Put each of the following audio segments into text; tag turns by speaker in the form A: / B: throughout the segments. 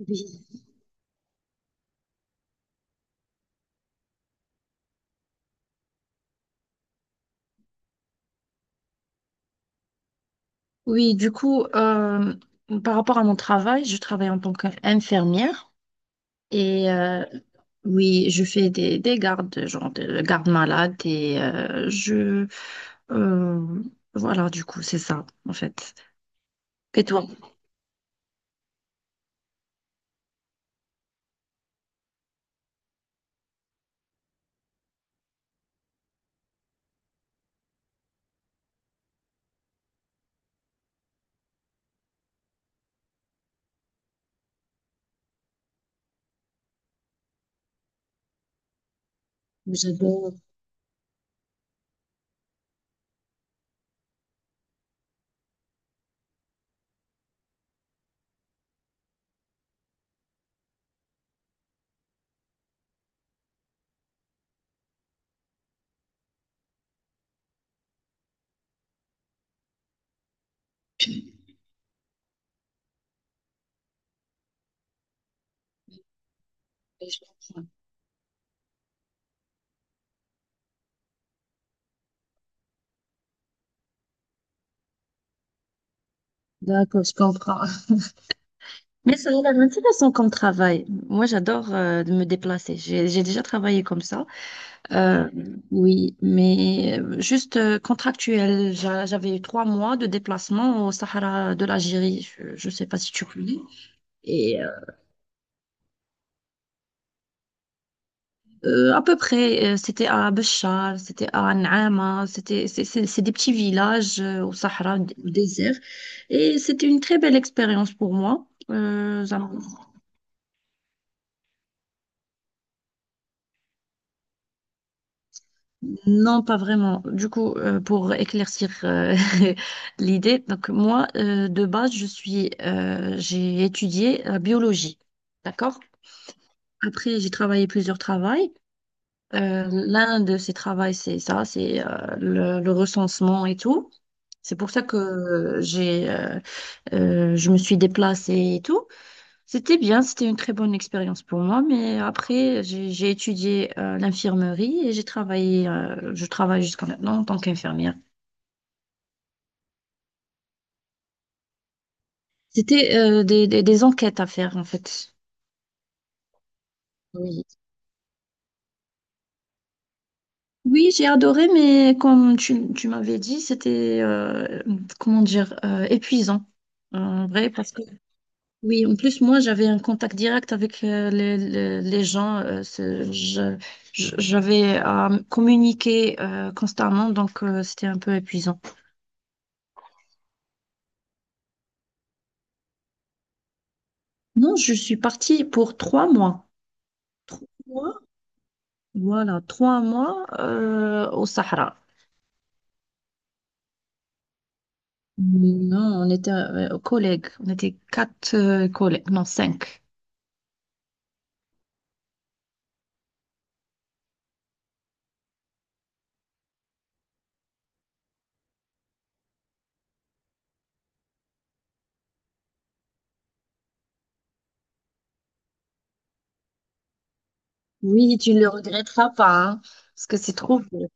A: Oui, oui, par rapport à mon travail, je travaille en tant qu'infirmière et oui, je fais des gardes, genre de garde malade et euh, voilà, du coup, c'est ça, en fait. Et toi? J'adore. Je comprends. D'accord, je comprends. Mais ça a l'air intéressant comme travail. Moi, j'adore me déplacer. J'ai déjà travaillé comme ça. Euh, oui, mais juste contractuel. J'avais eu 3 mois de déplacement au Sahara de l'Algérie. Je ne sais pas si tu connais. Et euh, à peu près, c'était à Béchar, c'était à N'Ama, c'est des petits villages au Sahara au désert. Et c'était une très belle expérience pour moi. Non, pas vraiment. Du coup, pour éclaircir l'idée, donc moi, de base, j'ai étudié la biologie, d'accord? Après, j'ai travaillé plusieurs travails. L'un de ces travaux, c'est ça, c'est le recensement et tout. C'est pour ça que je me suis déplacée et tout. C'était bien, c'était une très bonne expérience pour moi, mais après, j'ai étudié l'infirmerie et je travaille jusqu'à maintenant en tant qu'infirmière. C'était des enquêtes à faire, en fait. Oui. Oui, j'ai adoré, mais comme tu m'avais dit, c'était, comment dire, épuisant. En vrai, parce que, oui, en plus, moi, j'avais un contact direct avec les gens. J'avais à communiquer constamment, donc c'était un peu épuisant. Non, je suis partie pour 3 mois. 3 mois? Voilà, 3 mois au Sahara. Non, on était collègues. On était quatre collègues. Non, cinq. Oui, tu ne le regretteras pas, hein, parce que c'est trop beau.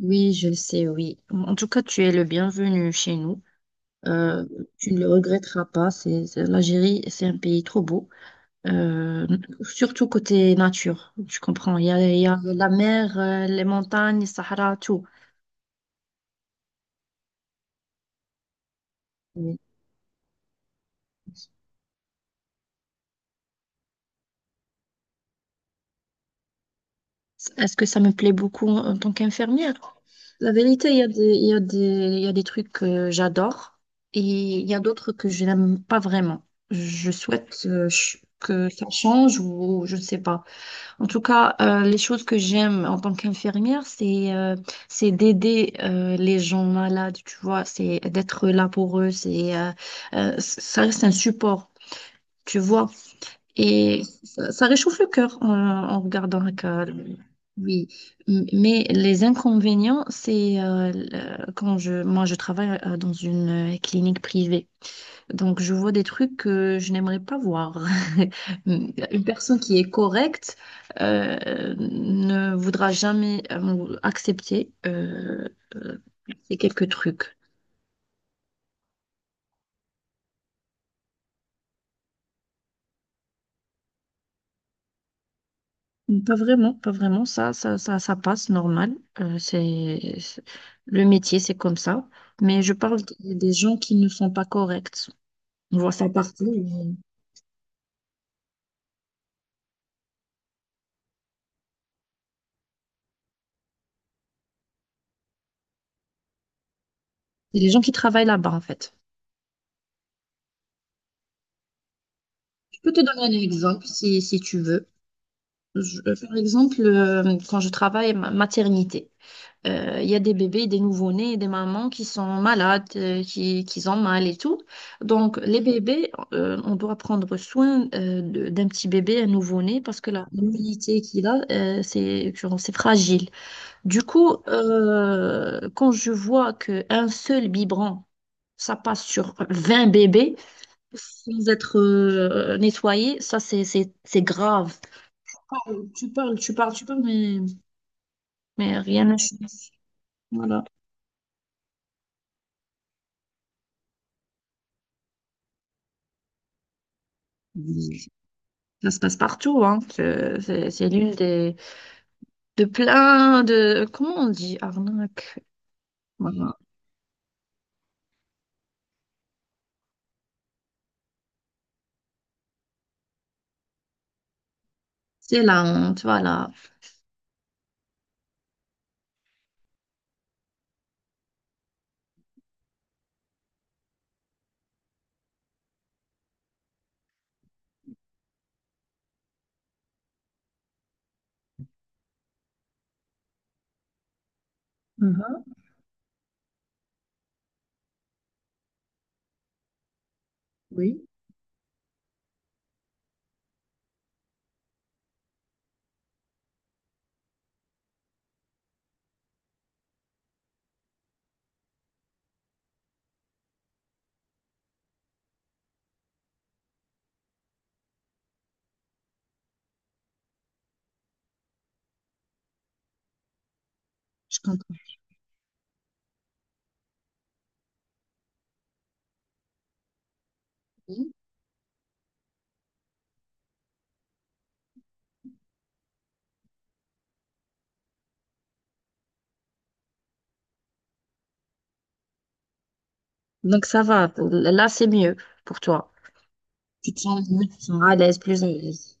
A: Oui, je le sais, oui. En tout cas, tu es le bienvenu chez nous. Euh, Tu ne le regretteras pas. L'Algérie, c'est un pays trop beau. Euh, Surtout côté nature, tu comprends. Il y a la mer, les montagnes, le Sahara, tout. Oui. Est-ce que ça me plaît beaucoup en tant qu'infirmière? La vérité, il y a des trucs que j'adore et il y a d'autres que je n'aime pas vraiment. Je souhaite que ça change ou je ne sais pas. En tout cas, les choses que j'aime en tant qu'infirmière, c'est d'aider les gens malades, tu vois, c'est d'être là pour eux, ça reste un support, tu vois. Et ça réchauffe le cœur en regardant Hakka. Oui, mais les inconvénients, quand je travaille dans une clinique privée, donc je vois des trucs que je n'aimerais pas voir. Une personne qui est correcte ne voudra jamais accepter euh, ces quelques trucs. Pas vraiment, pas vraiment. Ça passe normal. Le métier, c'est comme ça. Mais je parle des gens qui ne sont pas corrects. On voit ça partout, mais c'est les gens qui travaillent là-bas, en fait. Je peux te donner un exemple si tu veux. Par exemple, quand je travaille maternité. Il y a des bébés, des nouveau-nés, des mamans qui sont malades, qui ont mal et tout. Donc, les bébés, on doit prendre soin d'un petit bébé, un nouveau-né, parce que la mobilité qu'il a, c'est genre, c'est fragile. Du coup, quand je vois qu'un seul biberon, ça passe sur 20 bébés sans être nettoyé, c'est grave. Tu parles, tu parles, tu parles, mais, rien n'a changé. Voilà. Ça se passe partout, hein. C'est l'une des de plein de comment on dit arnaque. Voilà. C'est la honte, voilà. Mhm. Oui, je comprends. Donc ça va. Là, c'est mieux pour toi. Tu te sens mieux, tu te sens à l'aise, plus à l'aise.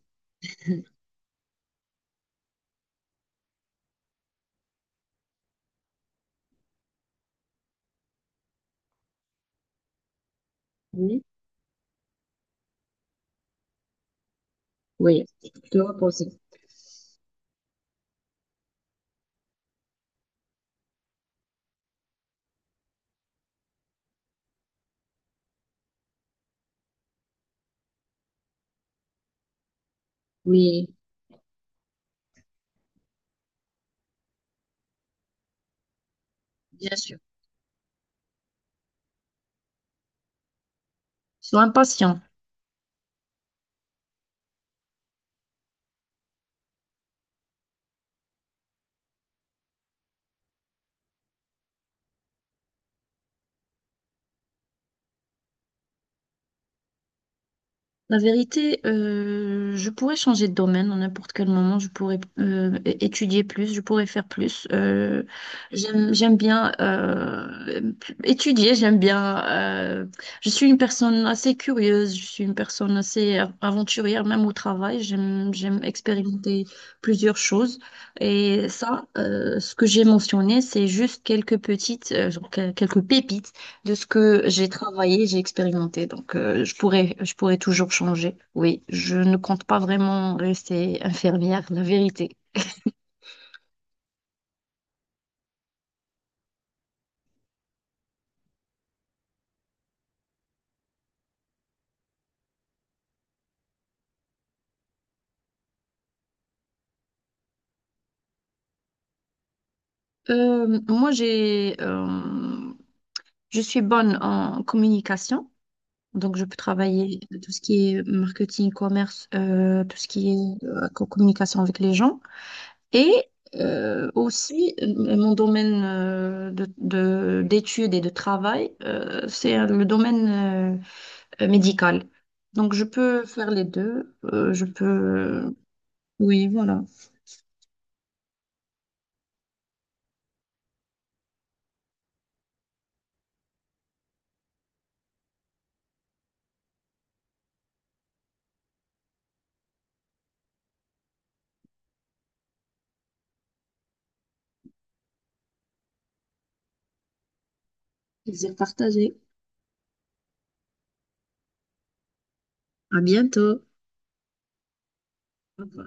A: Oui. Oui. Tu te reposes. Oui, bien sûr. Sois impatient. La vérité, je pourrais changer de domaine à n'importe quel moment, je pourrais étudier plus, je pourrais faire plus. J'aime bien étudier, j'aime bien... je suis une personne assez curieuse, je suis une personne assez aventurière, même au travail, j'aime expérimenter plusieurs choses. Et ça, ce que j'ai mentionné, c'est juste quelques petites, genre, quelques pépites de ce que j'ai travaillé, j'ai expérimenté. Donc, je pourrais toujours changer. Oui, je ne compte pas vraiment rester infirmière, la vérité. Moi, je suis bonne en communication. Donc, je peux travailler tout ce qui est marketing, commerce, tout ce qui est communication avec les gens. Et aussi, mon domaine d'études et de travail, c'est le domaine euh, médicale. Donc, je peux faire les deux. Je peux... Oui, voilà. Plaisir partagé. À bientôt. Au revoir.